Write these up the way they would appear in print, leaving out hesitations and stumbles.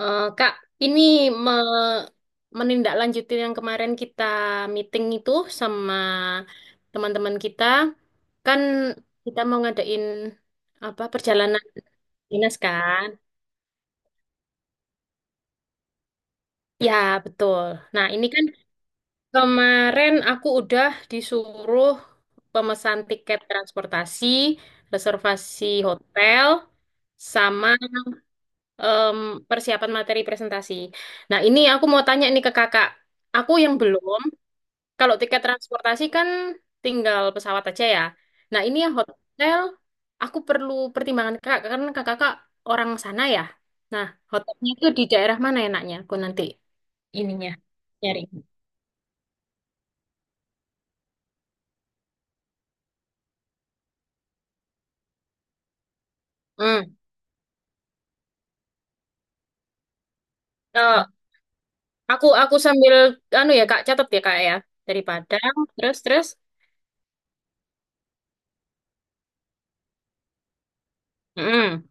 Eh, Kak, ini me- menindaklanjuti yang kemarin kita meeting itu sama teman-teman kita. Kan kita mau ngadain apa perjalanan dinas kan? Ya, betul. Nah, ini kan kemarin aku udah disuruh pemesan tiket transportasi, reservasi hotel, sama em, persiapan materi presentasi. Nah, ini aku mau tanya nih ke kakak. Aku yang belum. Kalau tiket transportasi kan tinggal pesawat aja ya. Nah, ini yang hotel aku perlu pertimbangan Kak karena Kakak orang sana ya. Nah, hotelnya itu di daerah mana enaknya? Aku nanti ininya nyari. Hmm. Eh, aku sambil anu ya Kak catat ya Kak ya dari Padang terus terus. Mm-mm.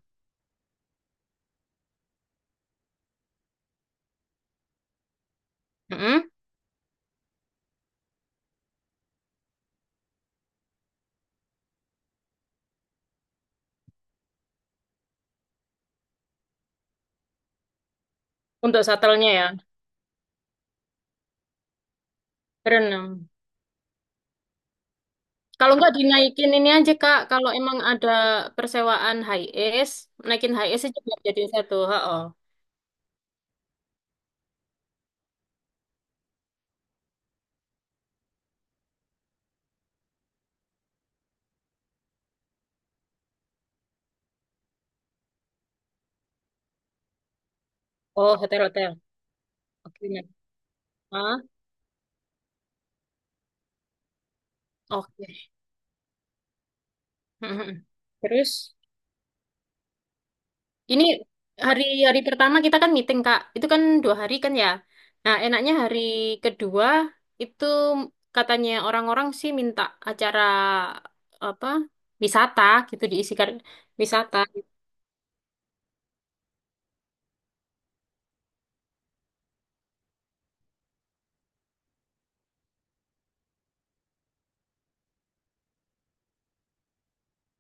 Mm-mm. Untuk shuttle-nya ya berenang. Kalau nggak dinaikin ini aja Kak kalau emang ada persewaan high es, naikin high es aja biar jadi satu. Ha. Oh, hotel-hotel. Oke, ya. Ah, oke. Mhm. Terus, ini hari-hari pertama kita kan meeting, Kak. Itu kan dua hari kan ya. Nah, enaknya hari kedua itu katanya orang-orang sih minta acara apa wisata gitu diisikan wisata.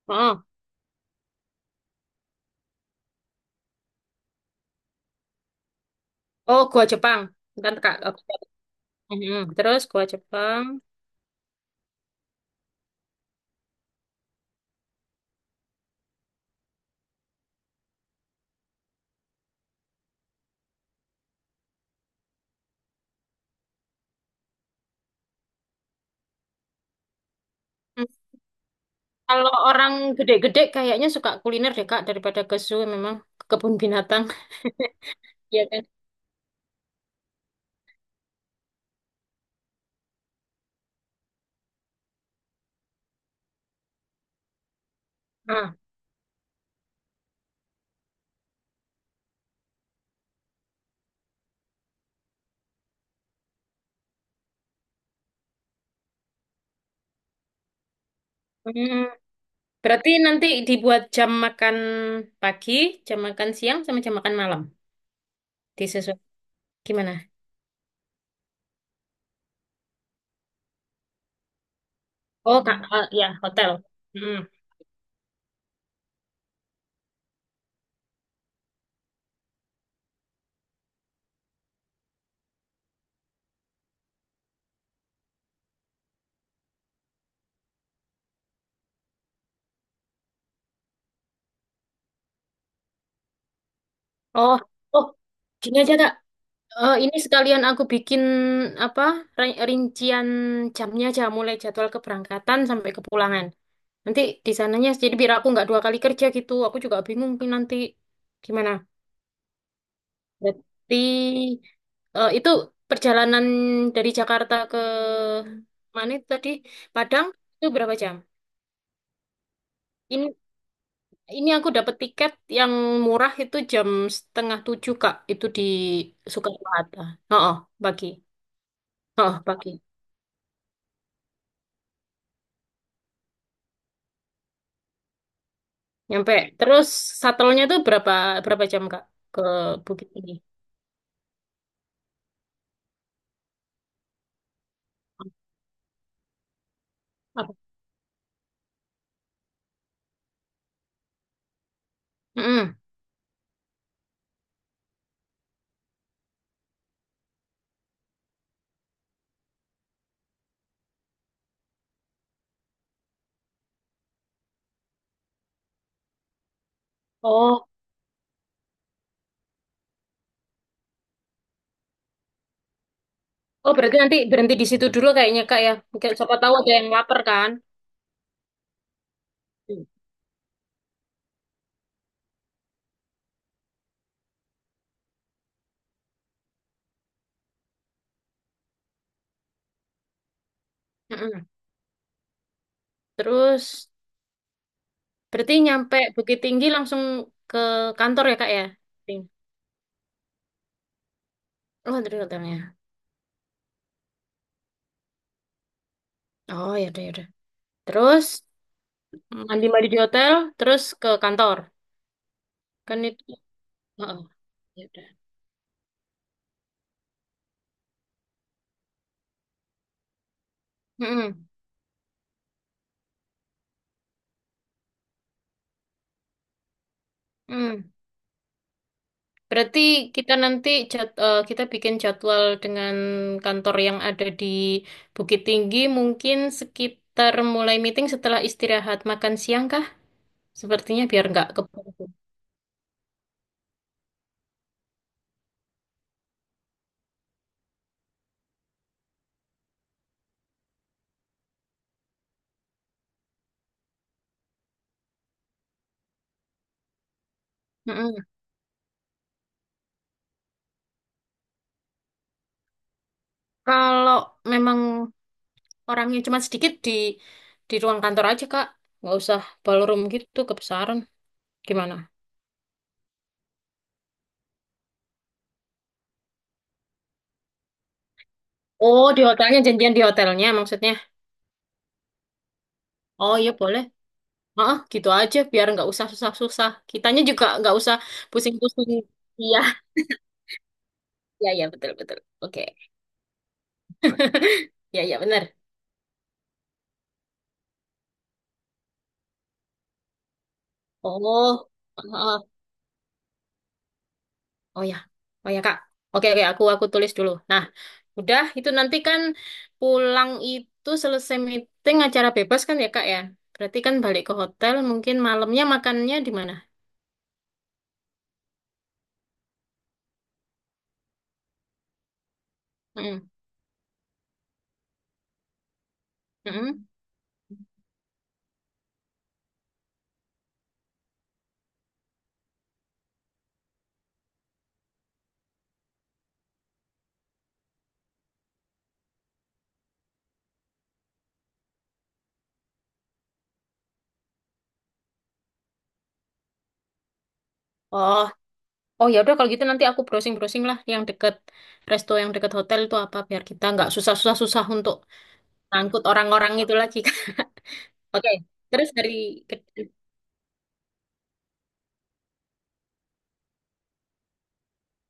Oh, oh gua Jepang. Bentar, Kak. Aku catat. Mhm. Terus gua Jepang. Hmm. Kalau orang gede-gede kayaknya suka kuliner deh, Kak, daripada ke zoo, memang ke kebun binatang. Iya kan? Ah. Hmm, berarti nanti dibuat jam makan pagi, jam makan siang, sama jam makan malam. Disesuai. Gimana? Oh, kak, eh, ya, hotel. Hmm. Oh, oh, gini aja, Kak. Eh, ini sekalian aku bikin apa rincian jamnya aja, mulai jadwal keberangkatan sampai kepulangan. Nanti di sananya, jadi biar aku nggak dua kali kerja gitu. Aku juga bingung nih nanti gimana. Berarti itu perjalanan dari Jakarta ke mana itu tadi Padang itu berapa jam? Ini ini aku dapat tiket yang murah itu jam setengah tujuh Kak. Itu di Soekarno Hatta. Oh, oh, pagi. Oh, pagi. Nyampe. Terus satelnya tuh berapa berapa jam Kak ke Bukit Tinggi. Apa? Mm-mm. Oh, oh berarti nanti berhenti di situ dulu kayaknya Kak ya. Mungkin siapa tahu ada yang lapar kan. Mm. Mm-mm. Terus berarti nyampe Bukit Tinggi langsung ke kantor ya Kak ya? Ting- Oh, dari hotelnya. Oh, ya udah. Terus mandi-mandi di hotel, terus ke kantor. Kan itu. Heeh, ya udah. Mm-mm, mm. Berarti kita nanti eh, kita bikin jadwal dengan kantor yang ada di Bukit Tinggi mungkin sekitar mulai meeting setelah istirahat makan siang kah? Sepertinya biar nggak keburu. Mm-mm. Kalau memang orangnya cuma sedikit di ruang kantor aja, Kak. Nggak usah ballroom gitu kebesaran. Gimana? Oh, di hotelnya, janjian di hotelnya maksudnya. Oh iya boleh. Heeh, gitu aja biar nggak usah susah-susah. Kitanya juga nggak usah pusing-pusing. Iya, iya, iya betul betul. Oke, iya iya benar. Oh, heeh. Oh ya, oh ya Kak. Oke oke, aku tulis dulu. Nah, udah itu nanti kan pulang itu selesai meeting acara bebas kan ya Kak ya. Berarti kan balik ke hotel mungkin malamnya makannya di mana? Mm-mm. Mm-mm. Oh, oh ya udah kalau gitu nanti aku browsing-browsing lah yang deket resto yang deket hotel itu apa biar kita nggak susah untuk ngangkut orang-orang itu lagi kan. Oke, terus dari ke-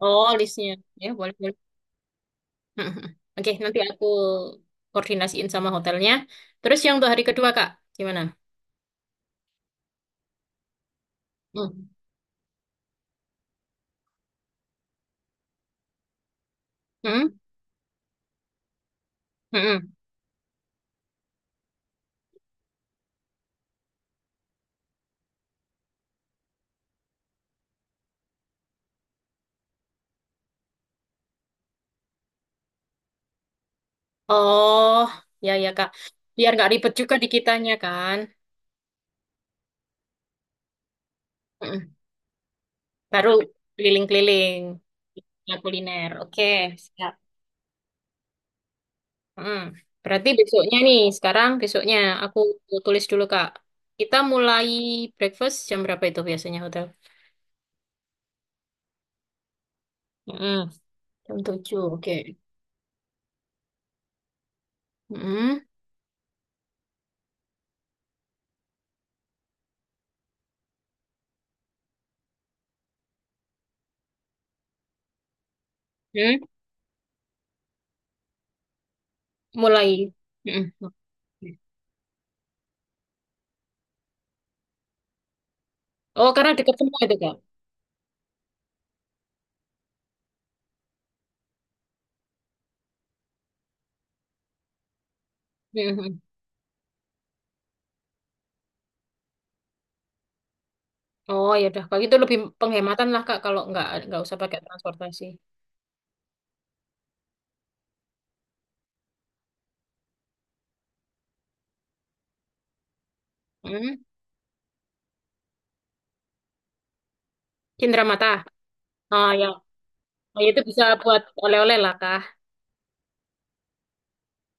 oh listnya ya boleh boleh. Mhm. Oke, nanti aku koordinasiin sama hotelnya. Terus yang untuk hari kedua Kak, gimana? Hmm. Hmm? Mhm. Oh, ya ya Kak. Biar nggak ribet juga di kitanya kan. Mhm. Baru keliling-keliling ya, kuliner. Oke, siap. Mhm. Berarti besoknya nih, sekarang besoknya aku tulis dulu Kak. Kita mulai breakfast jam berapa itu biasanya hotel? Mm-mm. Jam 7 oke. Mm-mm. Mm. Mulai. Mm-mm. Oke. Oh, karena dekat semua itu, Kak. Mm-mm. Oh, ya udah. Kalau gitu lebih penghematan lah, Kak, kalau nggak usah pakai transportasi. Mm. Cindramata. Ah, ya. Oh, ya itu bisa buat oleh-oleh lah, Kak.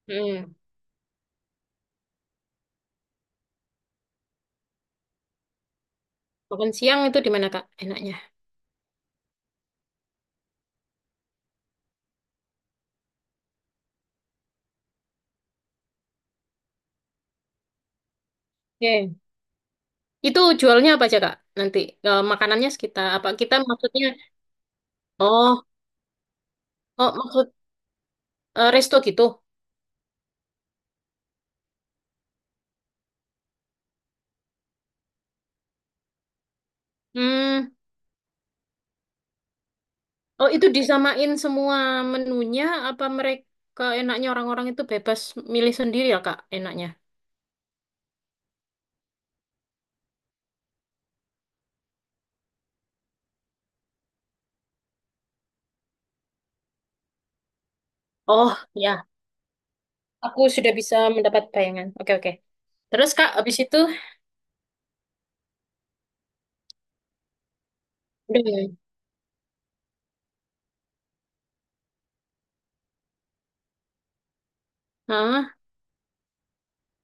Mm. Makan siang itu di mana, Kak? Enaknya. Oke. Itu jualnya apa aja, Kak? Nanti eh, makanannya sekitar apa? Kita maksudnya oh, oh maksud eh, resto gitu. Hmm. Oh, itu disamain semua menunya apa mereka enaknya orang-orang itu bebas milih sendiri ya, Kak, enaknya? Oh, ya. Aku sudah bisa mendapat bayangan. Oke, oke. Terus, Kak, habis itu udah ya. Hah?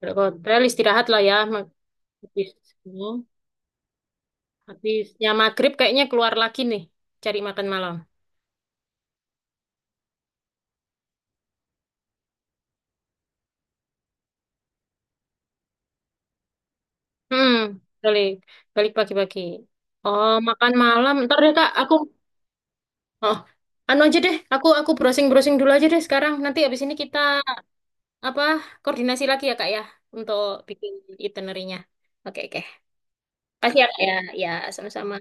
Udah hotel istirahat lah ya. Habis ini, habisnya maghrib kayaknya keluar lagi nih cari makan malam. Hmm, balik balik pagi-pagi. Oh, makan malam. Ntar deh, Kak, aku oh, anu aja deh. Aku browsing-browsing dulu aja deh sekarang. Nanti habis ini kita apa koordinasi lagi ya Kak ya untuk bikin itinerinya. Oke oke. Pasti ya Kak ya. Ya sama-sama.